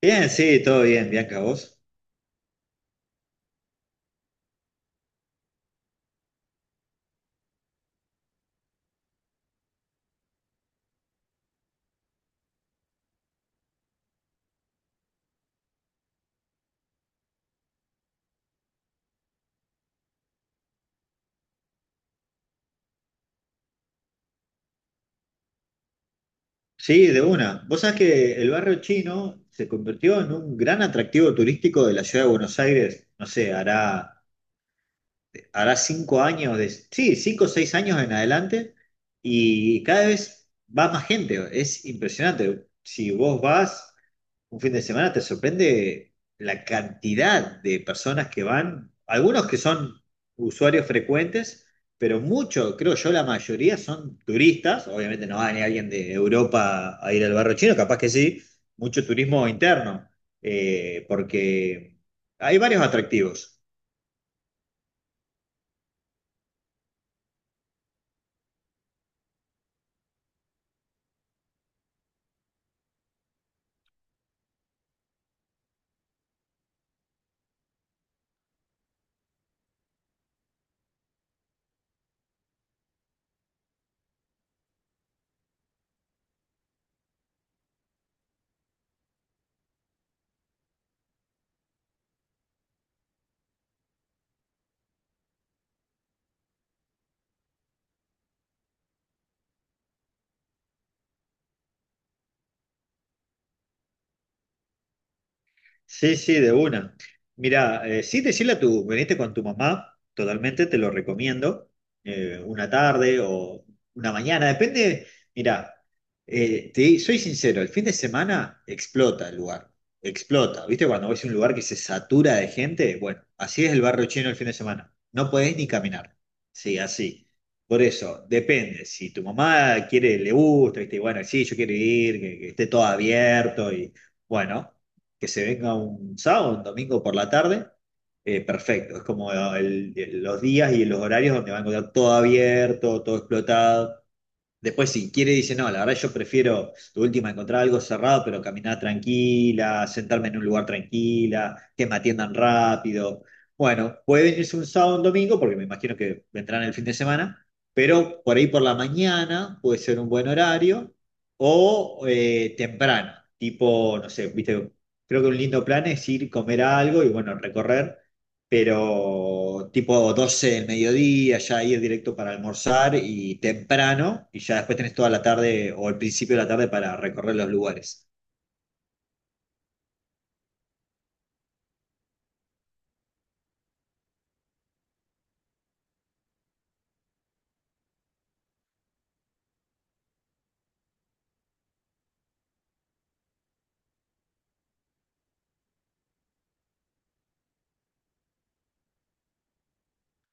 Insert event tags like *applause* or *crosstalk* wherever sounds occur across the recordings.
Bien, sí, todo bien, Bianca, vos. Sí, de una. Vos sabés que el barrio chino se convirtió en un gran atractivo turístico de la ciudad de Buenos Aires, no sé, hará 5 años, sí, 5 o 6 años en adelante, y cada vez va más gente, es impresionante. Si vos vas, un fin de semana te sorprende la cantidad de personas que van, algunos que son usuarios frecuentes, pero muchos, creo yo, la mayoría son turistas. Obviamente no va ni alguien de Europa a ir al barrio chino, capaz que sí, mucho turismo interno, porque hay varios atractivos. Sí, sí, de una. Mirá, sí, veniste con tu mamá, totalmente, te lo recomiendo. Una tarde o una mañana, depende. Mirá, soy sincero, el fin de semana explota el lugar, explota. ¿Viste? Cuando ves un lugar que se satura de gente, bueno, así es el barrio chino el fin de semana. No podés ni caminar. Sí, así. Por eso, depende. Si tu mamá quiere, le gusta, ¿viste? Y bueno, sí, yo quiero ir, que esté todo abierto y bueno que se venga un sábado, un domingo por la tarde, perfecto. Es como los días y los horarios donde va a encontrar todo abierto, todo explotado. Después, si quiere, dice, no, la verdad yo prefiero de última encontrar algo cerrado, pero caminar tranquila, sentarme en un lugar tranquila, que me atiendan rápido. Bueno, puede venirse un sábado o un domingo, porque me imagino que vendrán el fin de semana, pero por ahí por la mañana puede ser un buen horario, o temprano, tipo, no sé, viste, creo que un lindo plan es ir, comer algo y bueno, recorrer, pero tipo 12 del mediodía, ya ir directo para almorzar y temprano, y ya después tenés toda la tarde o el principio de la tarde para recorrer los lugares.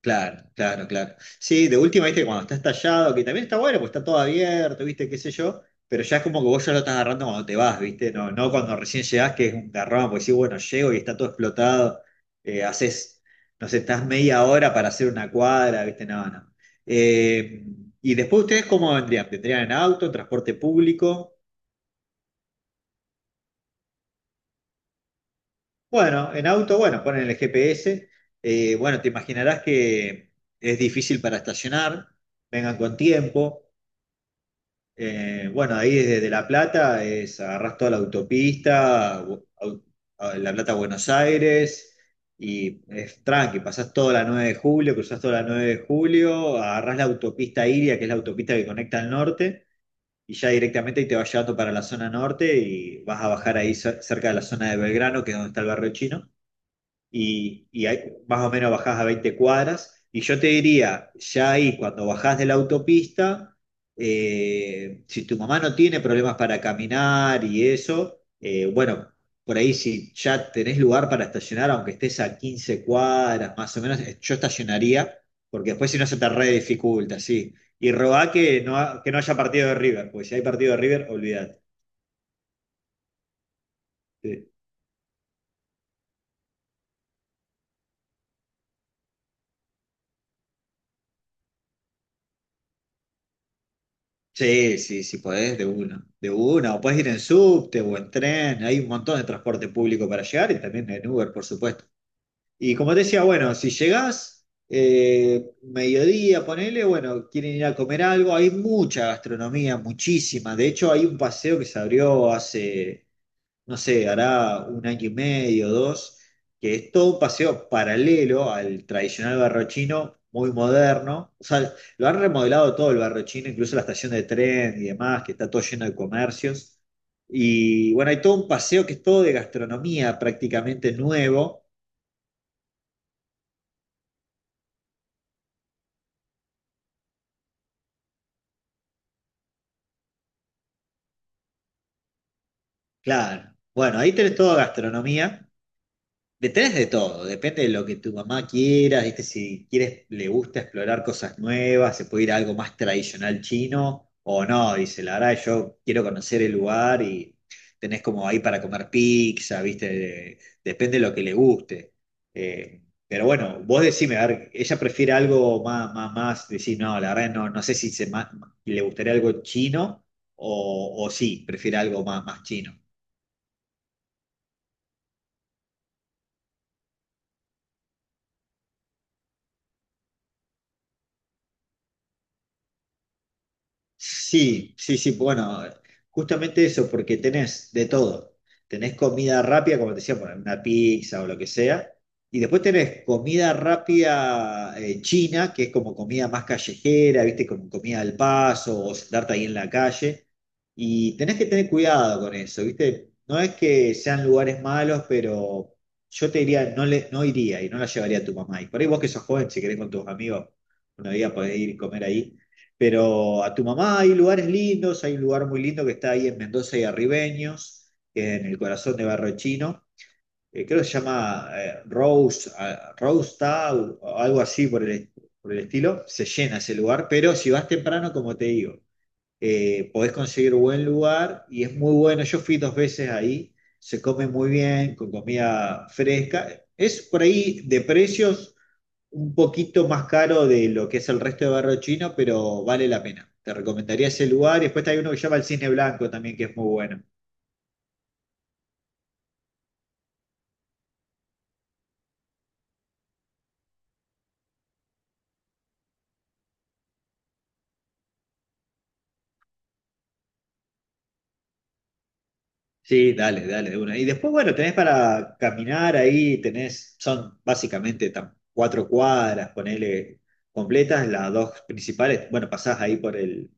Claro, claro, claro. Sí, de última, viste, cuando está estallado, que también está bueno, pues está todo abierto, viste, qué sé yo, pero ya es como que vos ya lo estás agarrando cuando te vas, viste, no, no cuando recién llegás, que es un garrón, porque sí, bueno, llego y está todo explotado, haces, no sé, estás media hora para hacer una cuadra, viste, no, no. Eh, y después ustedes, ¿cómo vendrían? ¿Vendrían en auto, en transporte público? Bueno, en auto, bueno, ponen el GPS, bueno, te imaginarás que es difícil para estacionar, vengan con tiempo. Bueno, ahí desde La Plata es agarrás toda la autopista, a La Plata a Buenos Aires, y es tranqui, pasás toda la 9 de julio, cruzás toda la 9 de julio, agarrás la autopista Iria, que es la autopista que conecta al norte, y ya directamente ahí te vas llevando para la zona norte y vas a bajar ahí cerca de la zona de Belgrano, que es donde está el barrio chino y ahí más o menos bajás a 20 cuadras. Y yo te diría, ya ahí cuando bajás de la autopista, si tu mamá no tiene problemas para caminar y eso, bueno, por ahí si ya tenés lugar para estacionar, aunque estés a 15 cuadras más o menos, yo estacionaría, porque después si no se te re dificulta, sí. Y rogá que no haya partido de River, porque si hay partido de River, olvídate. Sí, sí, sí podés, de una, o podés ir en subte o en tren, hay un montón de transporte público para llegar y también en Uber, por supuesto. Y como te decía, bueno, si llegás, mediodía, ponele, bueno, quieren ir a comer algo, hay mucha gastronomía, muchísima. De hecho, hay un paseo que se abrió hace no sé, hará un año y medio, dos, que es todo un paseo paralelo al tradicional barrio chino, muy moderno. O sea, lo han remodelado todo el barrio chino, incluso la estación de tren y demás, que está todo lleno de comercios. Y bueno, hay todo un paseo que es todo de gastronomía prácticamente nuevo. Claro. Bueno, ahí tenés toda gastronomía. Detrás de todo, depende de lo que tu mamá quiera, ¿viste? Si quieres, le gusta explorar cosas nuevas, se puede ir a algo más tradicional chino o no, dice, la verdad, yo quiero conocer el lugar y tenés como ahí para comer pizza, ¿viste? Depende de lo que le guste. Pero bueno, vos decime, a ver, ella prefiere algo más, más, más, decir, no, la verdad, no, no sé si le gustaría algo chino o sí, prefiere algo más, más chino. Sí, sí, sí, bueno, justamente eso, porque tenés de todo. Tenés comida rápida, como te decía, bueno, una pizza o lo que sea. Y después tenés comida rápida china, que es como comida más callejera, viste, como comida al paso o sentarte ahí en la calle. Y tenés que tener cuidado con eso, viste. No es que sean lugares malos, pero yo te diría, no, le, no iría y no la llevaría a tu mamá. Y por ahí vos que sos joven, si querés con tus amigos, una día podés ir y comer ahí, pero a tu mamá hay lugares lindos, hay un lugar muy lindo que está ahí en Mendoza y Arribeños, en el corazón de Barrio Chino. Creo que se llama Rose Town, o algo así por el estilo. Se llena ese lugar, pero si vas temprano, como te digo, podés conseguir buen lugar y es muy bueno. Yo fui 2 veces ahí, se come muy bien, con comida fresca. Es por ahí de precios un poquito más caro de lo que es el resto de barrio chino, pero vale la pena. Te recomendaría ese lugar. Y después hay uno que se llama el Cisne Blanco también, que es muy bueno. Sí, dale, dale, de una. Y después, bueno, tenés para caminar ahí, tenés, son básicamente 4 cuadras, ponele completas, las dos principales. Bueno, pasás ahí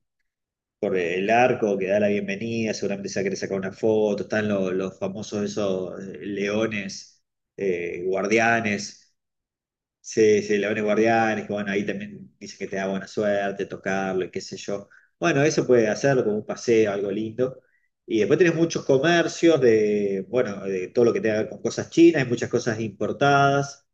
por el arco que da la bienvenida, seguramente se va a querer sacar una foto, están los famosos esos leones, guardianes. Sí, sí, leones guardianes, que bueno, ahí también dice que te da buena suerte tocarlo y qué sé yo. Bueno, eso puede hacerlo como un paseo, algo lindo. Y después tenés muchos comercios de, bueno, de todo lo que tenga que ver con cosas chinas, hay muchas cosas importadas.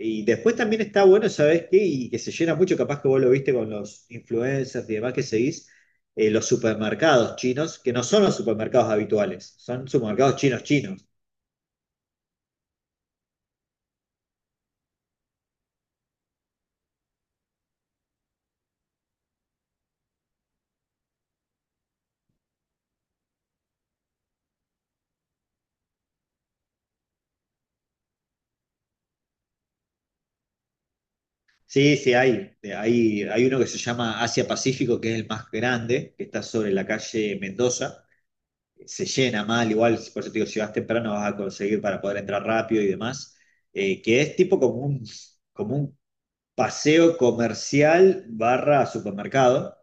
Y después también está bueno, ¿sabés qué? Y que se llena mucho, capaz que vos lo viste con los influencers y demás que seguís, los supermercados chinos, que no son los supermercados habituales, son supermercados chinos chinos. Sí, sí, hay. Hay uno que se llama Asia Pacífico, que es el más grande, que está sobre la calle Mendoza. Se llena mal, igual, por eso te digo, si vas temprano vas a conseguir para poder entrar rápido y demás. Que es tipo como un, paseo comercial barra supermercado.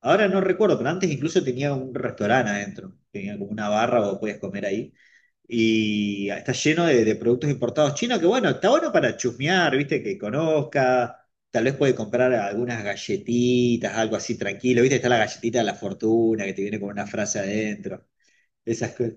Ahora no recuerdo, pero antes incluso tenía un restaurante adentro, tenía como una barra o podías comer ahí. Y está lleno de productos importados chinos, que bueno, está bueno para chusmear, viste, que conozca, tal vez puede comprar algunas galletitas, algo así tranquilo, viste, está la galletita de la fortuna que te viene con una frase adentro, esas cosas.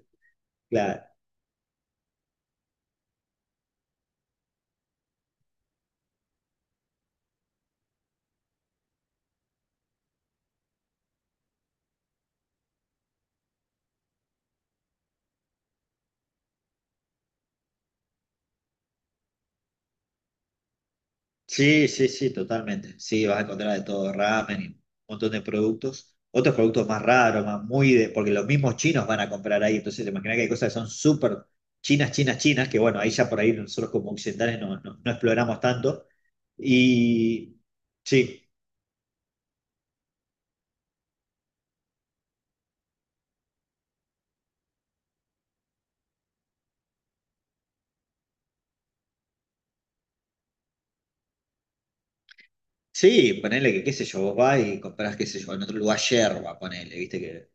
Sí, sí, sí, totalmente. Sí, vas a encontrar de todo, ramen y un montón de productos. Otros productos más raros, más muy de, porque los mismos chinos van a comprar ahí. Entonces, te imaginas que hay cosas que son súper chinas, chinas, chinas, que bueno, ahí ya por ahí nosotros como occidentales no, no, no exploramos tanto. Y sí, sí, ponele que, qué sé yo, vos vas y comprás, qué sé yo, en otro lugar yerba, ponele, viste que.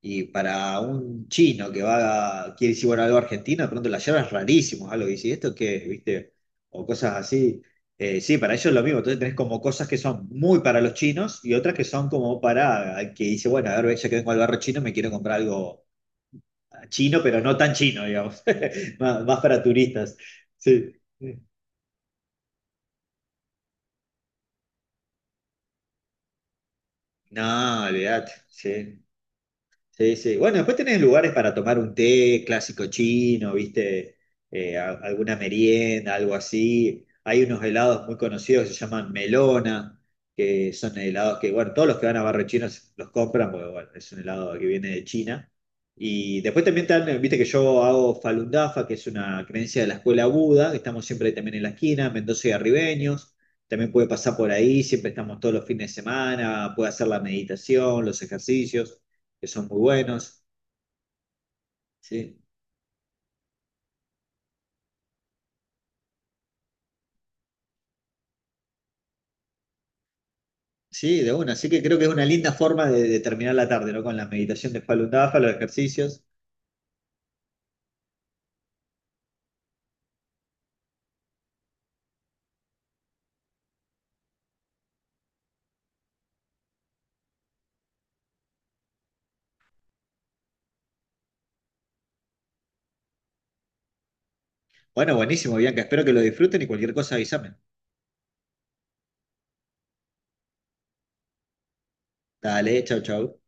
Y para un chino que va, quiere decir, bueno, algo argentino, de pronto la yerba es rarísimo, algo, y dice, ¿y esto qué es? ¿Viste? O cosas así. Sí, para ellos es lo mismo, entonces tenés como cosas que son muy para los chinos y otras que son como para, el que dice, bueno, a ver, ya que vengo al barrio chino, me quiero comprar algo chino, pero no tan chino, digamos, *laughs* más, más para turistas. Sí. No, olvidate, sí. Sí, sí. Bueno, después tenés lugares para tomar un té clásico chino, ¿viste? Alguna merienda, algo así. Hay unos helados muy conocidos que se llaman melona, que son helados que, bueno, todos los que van a Barrio Chino los compran, porque, bueno, es un helado que viene de China. Y después también te dan, viste que yo hago Falun Dafa, que es una creencia de la escuela Buda, que estamos siempre también en la esquina, Mendoza y Arribeños. También puede pasar por ahí, siempre estamos todos los fines de semana, puede hacer la meditación, los ejercicios que son muy buenos. Sí, sí, de una. Así que creo que es una linda forma de terminar la tarde, ¿no? Con la meditación de Falun Dafa, los ejercicios. Bueno, buenísimo, Bianca. Espero que lo disfruten y cualquier cosa avísame. Dale, chau, chau.